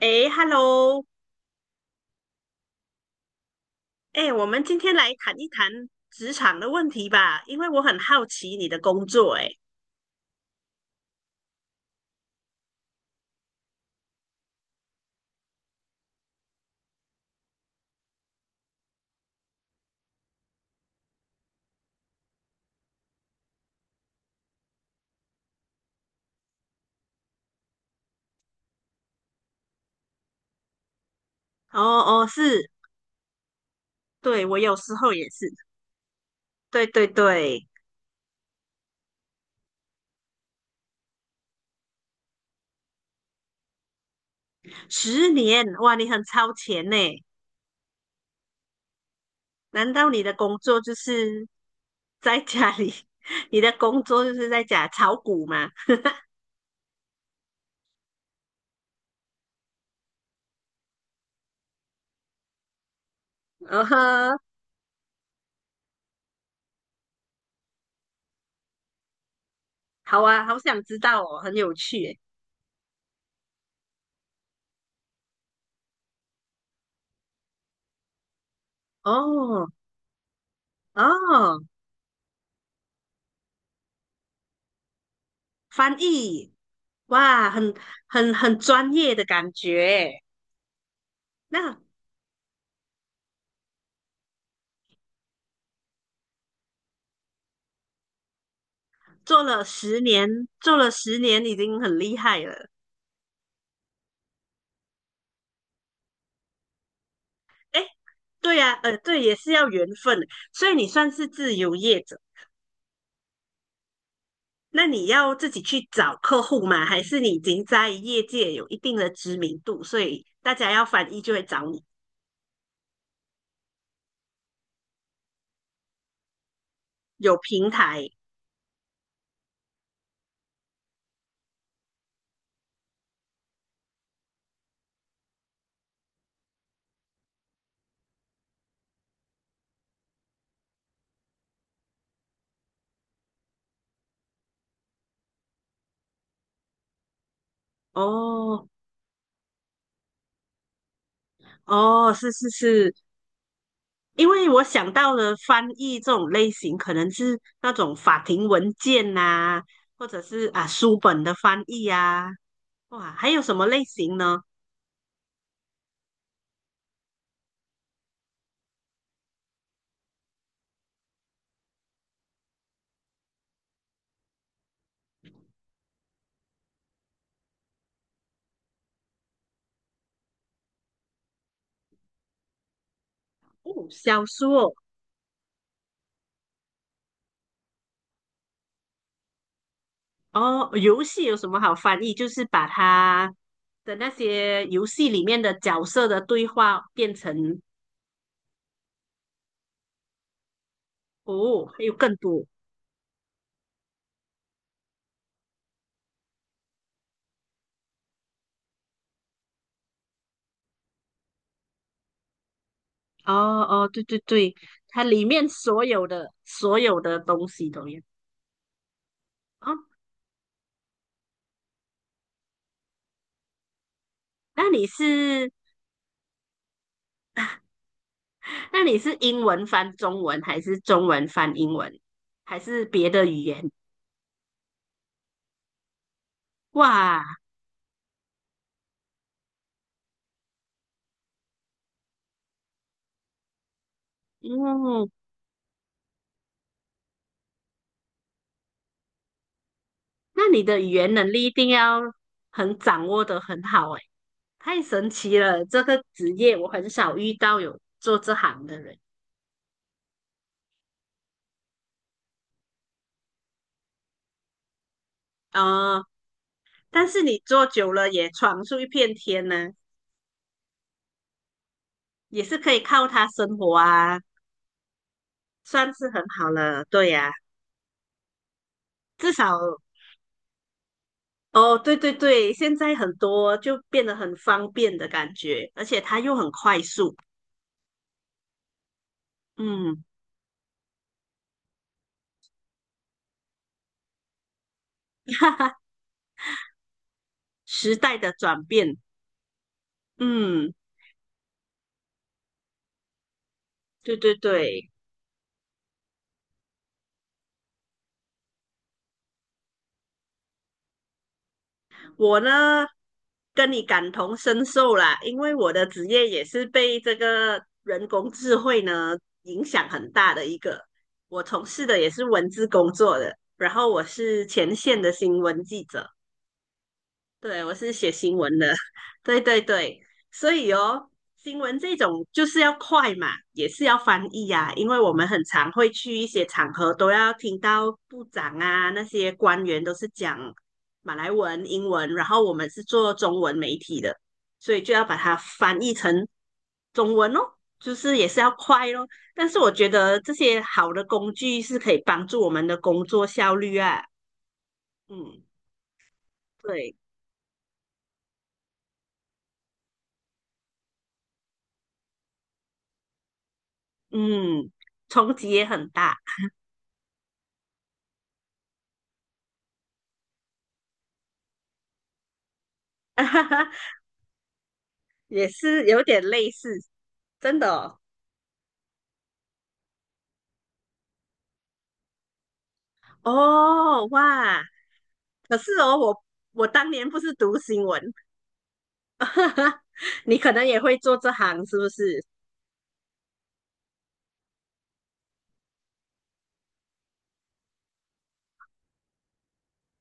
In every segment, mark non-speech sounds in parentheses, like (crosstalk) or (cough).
诶 hello 诶，我们今天来谈一谈职场的问题吧，因为我很好奇你的工作，诶，哦哦，是，对，我有时候也是，对对对，十年，哇，你很超前呢，难道你的工作就是 (laughs) 在家里，(laughs) 你的工作就是在家炒股吗？呃呵，好啊，好想知道哦，很有趣诶，哦哦，翻译，哇，很很专业的感觉。那做了十年，做了十年已经很厉害了。哎，对呀、对，也是要缘分，所以你算是自由业者。那你要自己去找客户吗？还是你已经在业界有一定的知名度，所以大家要翻译就会找你？有平台。哦哦，是是是，因为我想到的翻译这种类型，可能是那种法庭文件呐、或者是啊书本的翻译啊。哇，还有什么类型呢？哦，小说。哦，游戏有什么好翻译？就是把它的那些游戏里面的角色的对话变成。哦，还有更多。哦哦，对对对，它里面所有的所有的东西都有。哦。那你是那你是英文翻中文，还是中文翻英文，还是别的语言？哇，嗯，那你的语言能力一定要很掌握的很好诶。太神奇了！这个职业我很少遇到有做这行的人。啊、呃但是你做久了也闯出一片天呢，也是可以靠它生活啊，算是很好了。对呀、至少。哦，对对对，现在很多就变得很方便的感觉，而且它又很快速。嗯，(laughs) 哈哈，时代的转变。嗯，对对对。我呢跟你感同身受啦，因为我的职业也是被这个人工智慧呢影响很大的一个。我从事的也是文字工作的，然后我是前线的新闻记者。对，我是写新闻的，(laughs) 对对对，所以哦，新闻这种就是要快嘛，也是要翻译啊，因为我们很常会去一些场合都要听到部长啊那些官员都是讲马来文、英文，然后我们是做中文媒体的，所以就要把它翻译成中文哦，就是也是要快咯。但是我觉得这些好的工具是可以帮助我们的工作效率啊，嗯，对。嗯，冲击也很大。(laughs) 也是有点类似，真的哦。哦哇，可是哦，我当年不是读新闻，(laughs) 你可能也会做这行，是不是？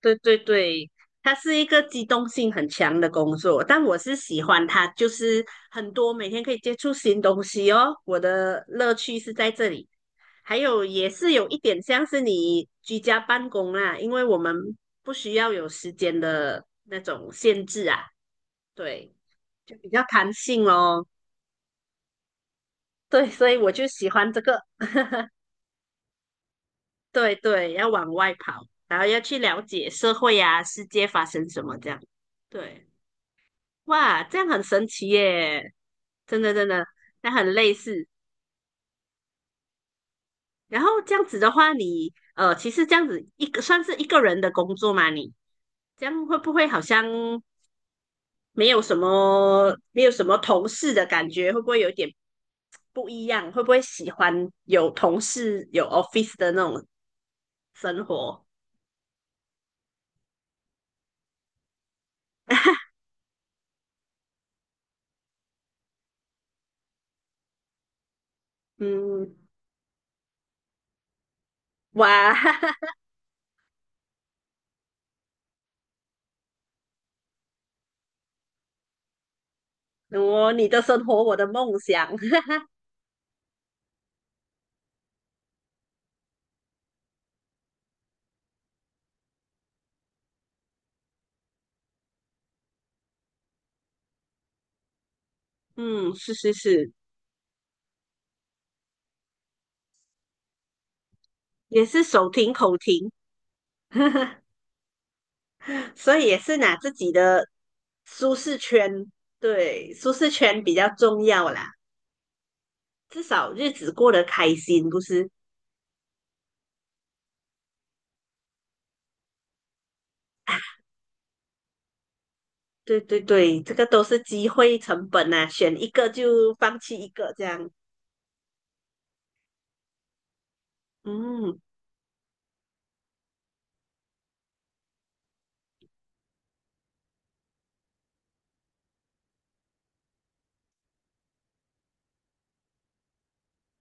对对对，它是一个机动性很强的工作，但我是喜欢它，就是很多每天可以接触新东西哦。我的乐趣是在这里，还有也是有一点像是你居家办公啦，因为我们不需要有时间的那种限制啊，对，就比较弹性哦。对，所以我就喜欢这个，(laughs) 对对，要往外跑，然后要去了解社会啊、世界发生什么这样，对。哇，这样很神奇耶！真的真的，那很类似。然后这样子的话你，其实这样子一个算是一个人的工作嘛，你这样会不会好像没有什么同事的感觉？会不会有点不一样？会不会喜欢有同事有 office 的那种生活？(laughs) 嗯，哇，(laughs) 我你的生活，我的梦想。(laughs) 嗯，是是是，也是手停口停。(laughs) 所以也是拿自己的舒适圈，对，舒适圈比较重要啦，至少日子过得开心，不是？对对对，这个都是机会成本啊，选一个就放弃一个这样。嗯，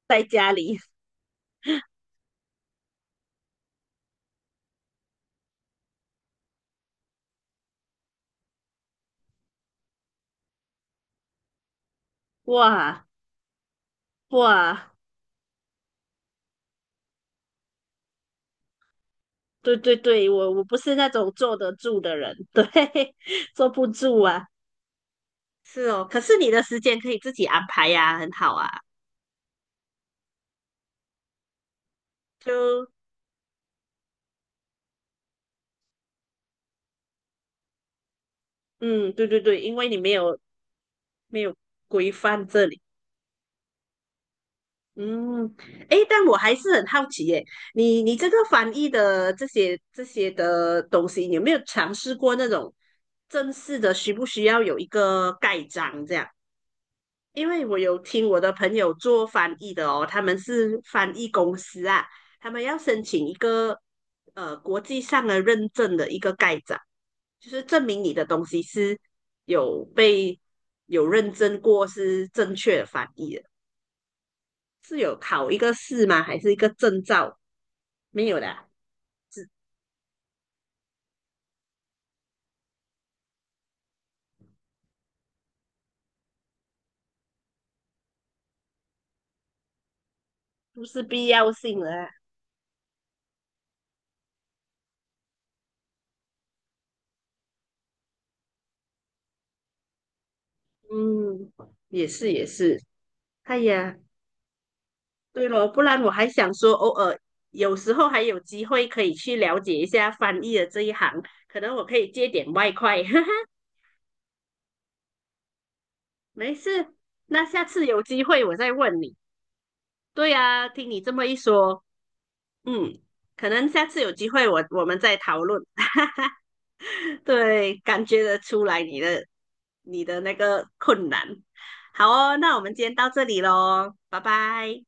在家里，哇哇，对对对，我不是那种坐得住的人，对，(laughs) 坐不住啊。是哦，可是你的时间可以自己安排呀、很好啊。就嗯，对对对，因为你没有没有规范这里。嗯，诶，但我还是很好奇耶，你这个翻译的这些的东西，你有没有尝试过那种正式的，需不需要有一个盖章这样？因为我有听我的朋友做翻译的哦，他们是翻译公司啊，他们要申请一个国际上的认证的一个盖章，就是证明你的东西是有被有认证过是正确的翻译的，是有考一个试吗？还是一个证照？没有的啊，不是必要性的啊。嗯，也是也是。哎呀，对咯，不然我还想说，偶尔有时候还有机会可以去了解一下翻译的这一行，可能我可以借点外快。(laughs) 哈哈，没事，那下次有机会我再问你。对呀，听你这么一说，嗯，可能下次有机会我们再讨论。(laughs) 对，感觉得出来你的你的那个困难。好哦，那我们今天到这里喽，拜拜。